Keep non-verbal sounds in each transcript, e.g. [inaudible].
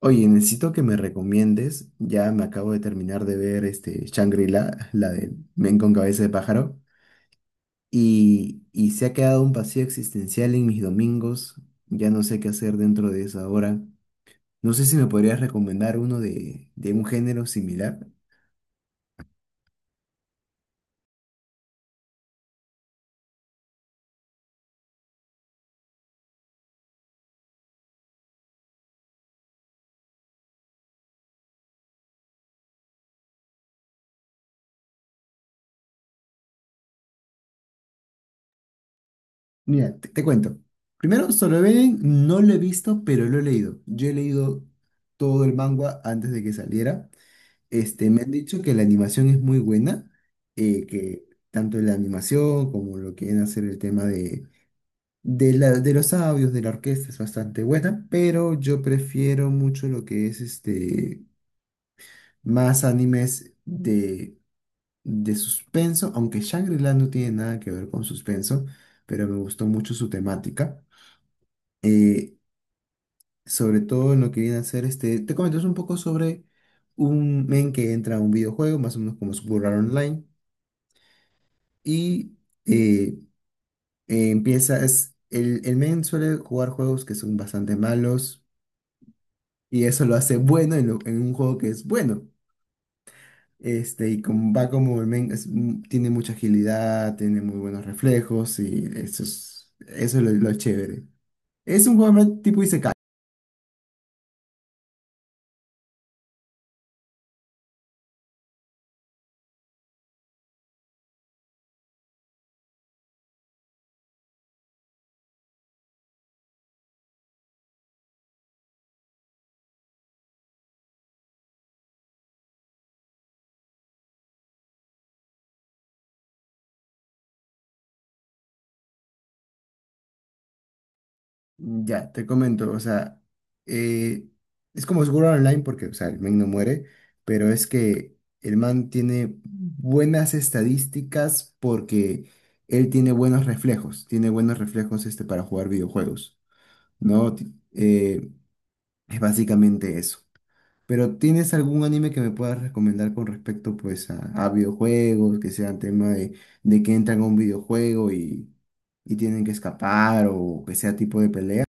Oye, necesito que me recomiendes. Ya me acabo de terminar de ver este Shangri-La, la de Men con cabeza de pájaro, y se ha quedado un vacío existencial en mis domingos. Ya no sé qué hacer dentro de esa hora. No sé si me podrías recomendar uno de un género similar. Mira, te cuento. Primero, Solo Leveling no lo he visto, pero lo he leído. Yo he leído todo el manga antes de que saliera. Este, me han dicho que la animación es muy buena, que tanto la animación como lo que viene a ser el tema de los audios, de la orquesta es bastante buena, pero yo prefiero mucho lo que es este, más animes de suspenso, aunque Shangri-La no tiene nada que ver con suspenso, pero me gustó mucho su temática. eh, Sobre todo en lo que viene a ser este, te comentas un poco sobre un men que entra a un videojuego, más o menos como Sword Art Online. Y eh, empieza, el men suele jugar juegos que son bastante malos y eso lo hace bueno en, en un juego que es bueno. Este, y como va, como el men es tiene mucha agilidad, tiene muy buenos reflejos y eso es lo chévere. Es un juego más tipo isekai. Mm, ya, te comento, o sea, eh, es como seguro online porque, o sea, el man no muere, pero es que el man tiene buenas estadísticas porque él tiene buenos reflejos este, para jugar videojuegos, ¿no? Es básicamente eso. Pero ¿tienes algún anime que me puedas recomendar con respecto, pues, a videojuegos, que sean tema de que entran a un videojuego y tienen que escapar o que sea tipo de pelea?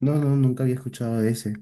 No, no, nunca había escuchado de ese.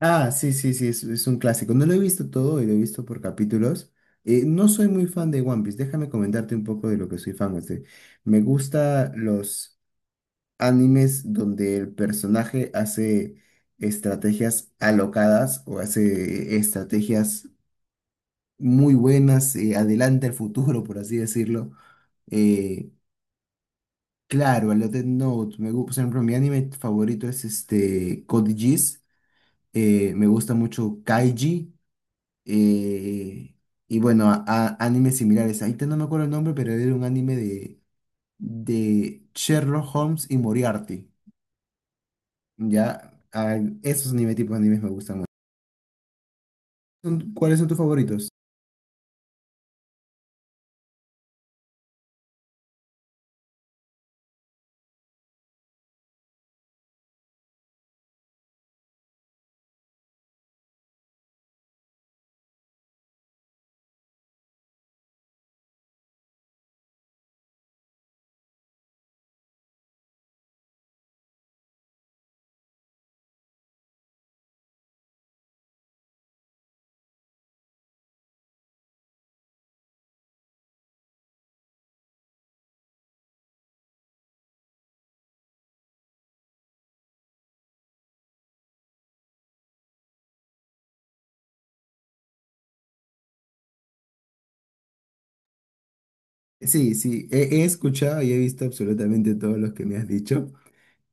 Ah, sí, sí, sí, es un clásico. No lo he visto todo y lo he visto por capítulos. No soy muy fan de One Piece. Déjame comentarte un poco de lo que soy fan. Este. Me gusta los animes donde el personaje hace estrategias alocadas o hace estrategias muy buenas, adelanta el futuro, por así decirlo. Eh, claro, a lo Death Note. Me gusta, por ejemplo, mi anime favorito es este Code Geass. Me gusta mucho Kaiji, eh, y bueno, animes similares. Ahorita no me acuerdo el nombre, pero era un anime de Sherlock Holmes y Moriarty. Ya, ah, esos anime, tipos de animes me gustan mucho. ¿Cuáles son tus favoritos? Sí, sí, he escuchado y he visto absolutamente todos los que me has dicho.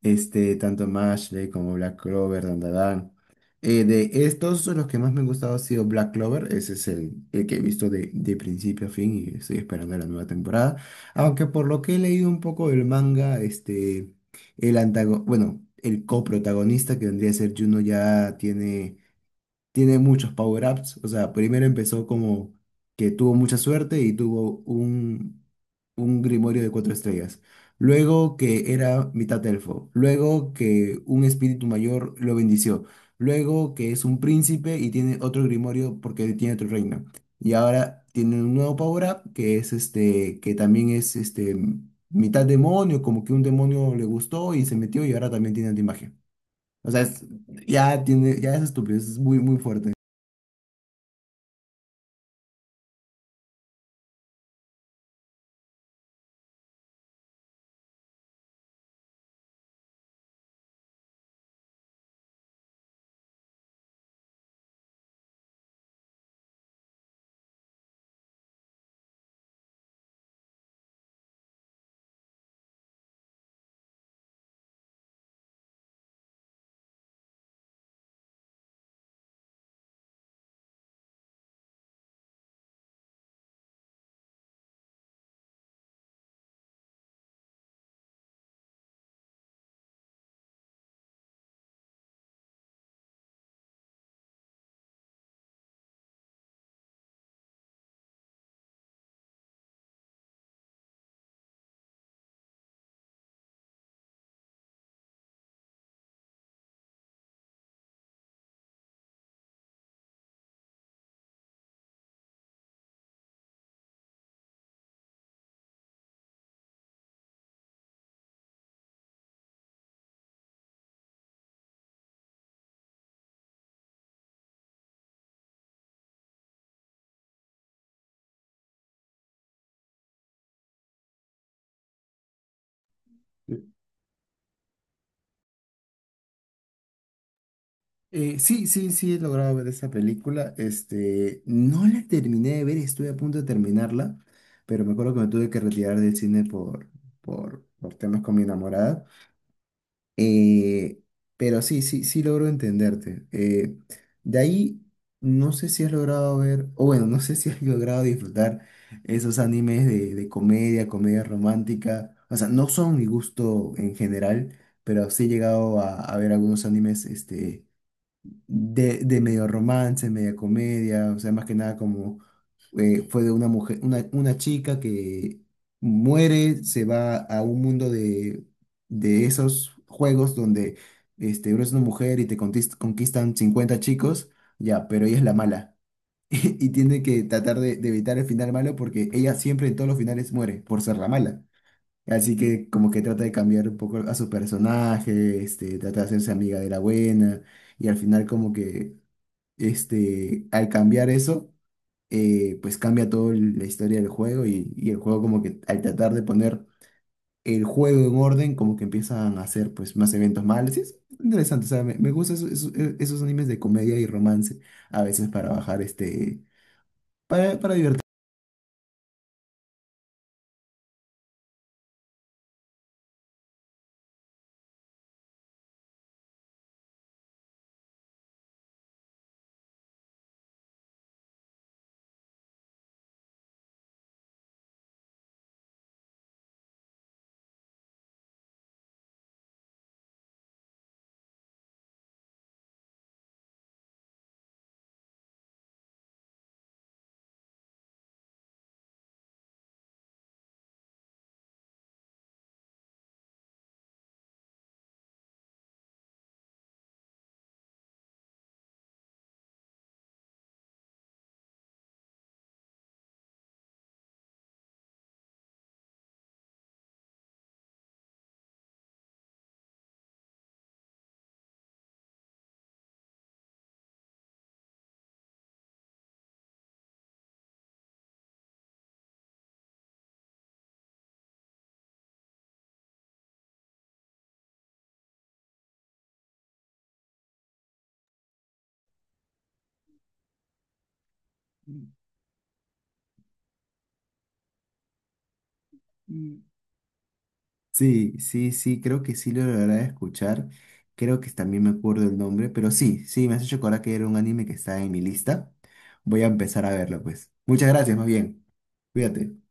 Este, tanto Mashley como Black Clover, Dandadan. De estos, los que más me han gustado ha sido Black Clover, ese es el que he visto de principio a fin y estoy esperando la nueva temporada. Aunque por lo que he leído un poco del manga, este, bueno, el coprotagonista que vendría a ser Juno tiene muchos power-ups. O sea, primero empezó como que tuvo mucha suerte y tuvo un grimorio de 4 estrellas. Luego que era mitad elfo. Luego que un espíritu mayor lo bendició. Luego que es un príncipe y tiene otro grimorio porque tiene otro reino. Y ahora tiene un nuevo power-up que es este, que también es este, mitad demonio, como que un demonio le gustó y se metió y ahora también tiene antimagia. O sea, es- ya tiene, ya es estúpido, es muy, muy fuerte. Sí, sí, sí, he logrado ver esa película. Este, no la terminé de ver, estuve a punto de terminarla, pero me acuerdo que me tuve que retirar del cine por temas con mi enamorada. Eh, pero sí, sí, sí logro entenderte. De ahí, no sé si has logrado ver, o bueno, no sé si has logrado disfrutar esos animes de comedia, comedia romántica. O sea, no son mi gusto en general, pero sí he llegado a ver algunos animes, este de medio romance, media comedia, o sea, más que nada como fue de una mujer, una chica que muere, se va a un mundo de esos juegos donde este, eres una mujer y te conquistan 50 chicos, ya, pero ella es la mala. [laughs] Y tiene que tratar de evitar el final malo porque ella siempre en todos los finales muere por ser la mala. Así que como que trata de cambiar un poco a su personaje, este, trata de hacerse amiga de la buena y al final como que este, al cambiar eso, pues cambia toda la historia del juego y el juego como que al tratar de poner el juego en orden, como que empiezan a hacer pues más eventos malos. Y es interesante, o sea, me gustan esos, esos animes de comedia y romance a veces para bajar este, para divertir. Mm, sí, sí, sí, creo que sí lo lograré escuchar. Creo que también me acuerdo el nombre, pero sí, sí, me has hecho acordar que era un anime que está en mi lista. Voy a empezar a verlo, pues. Muchas gracias, más bien. Cuídate.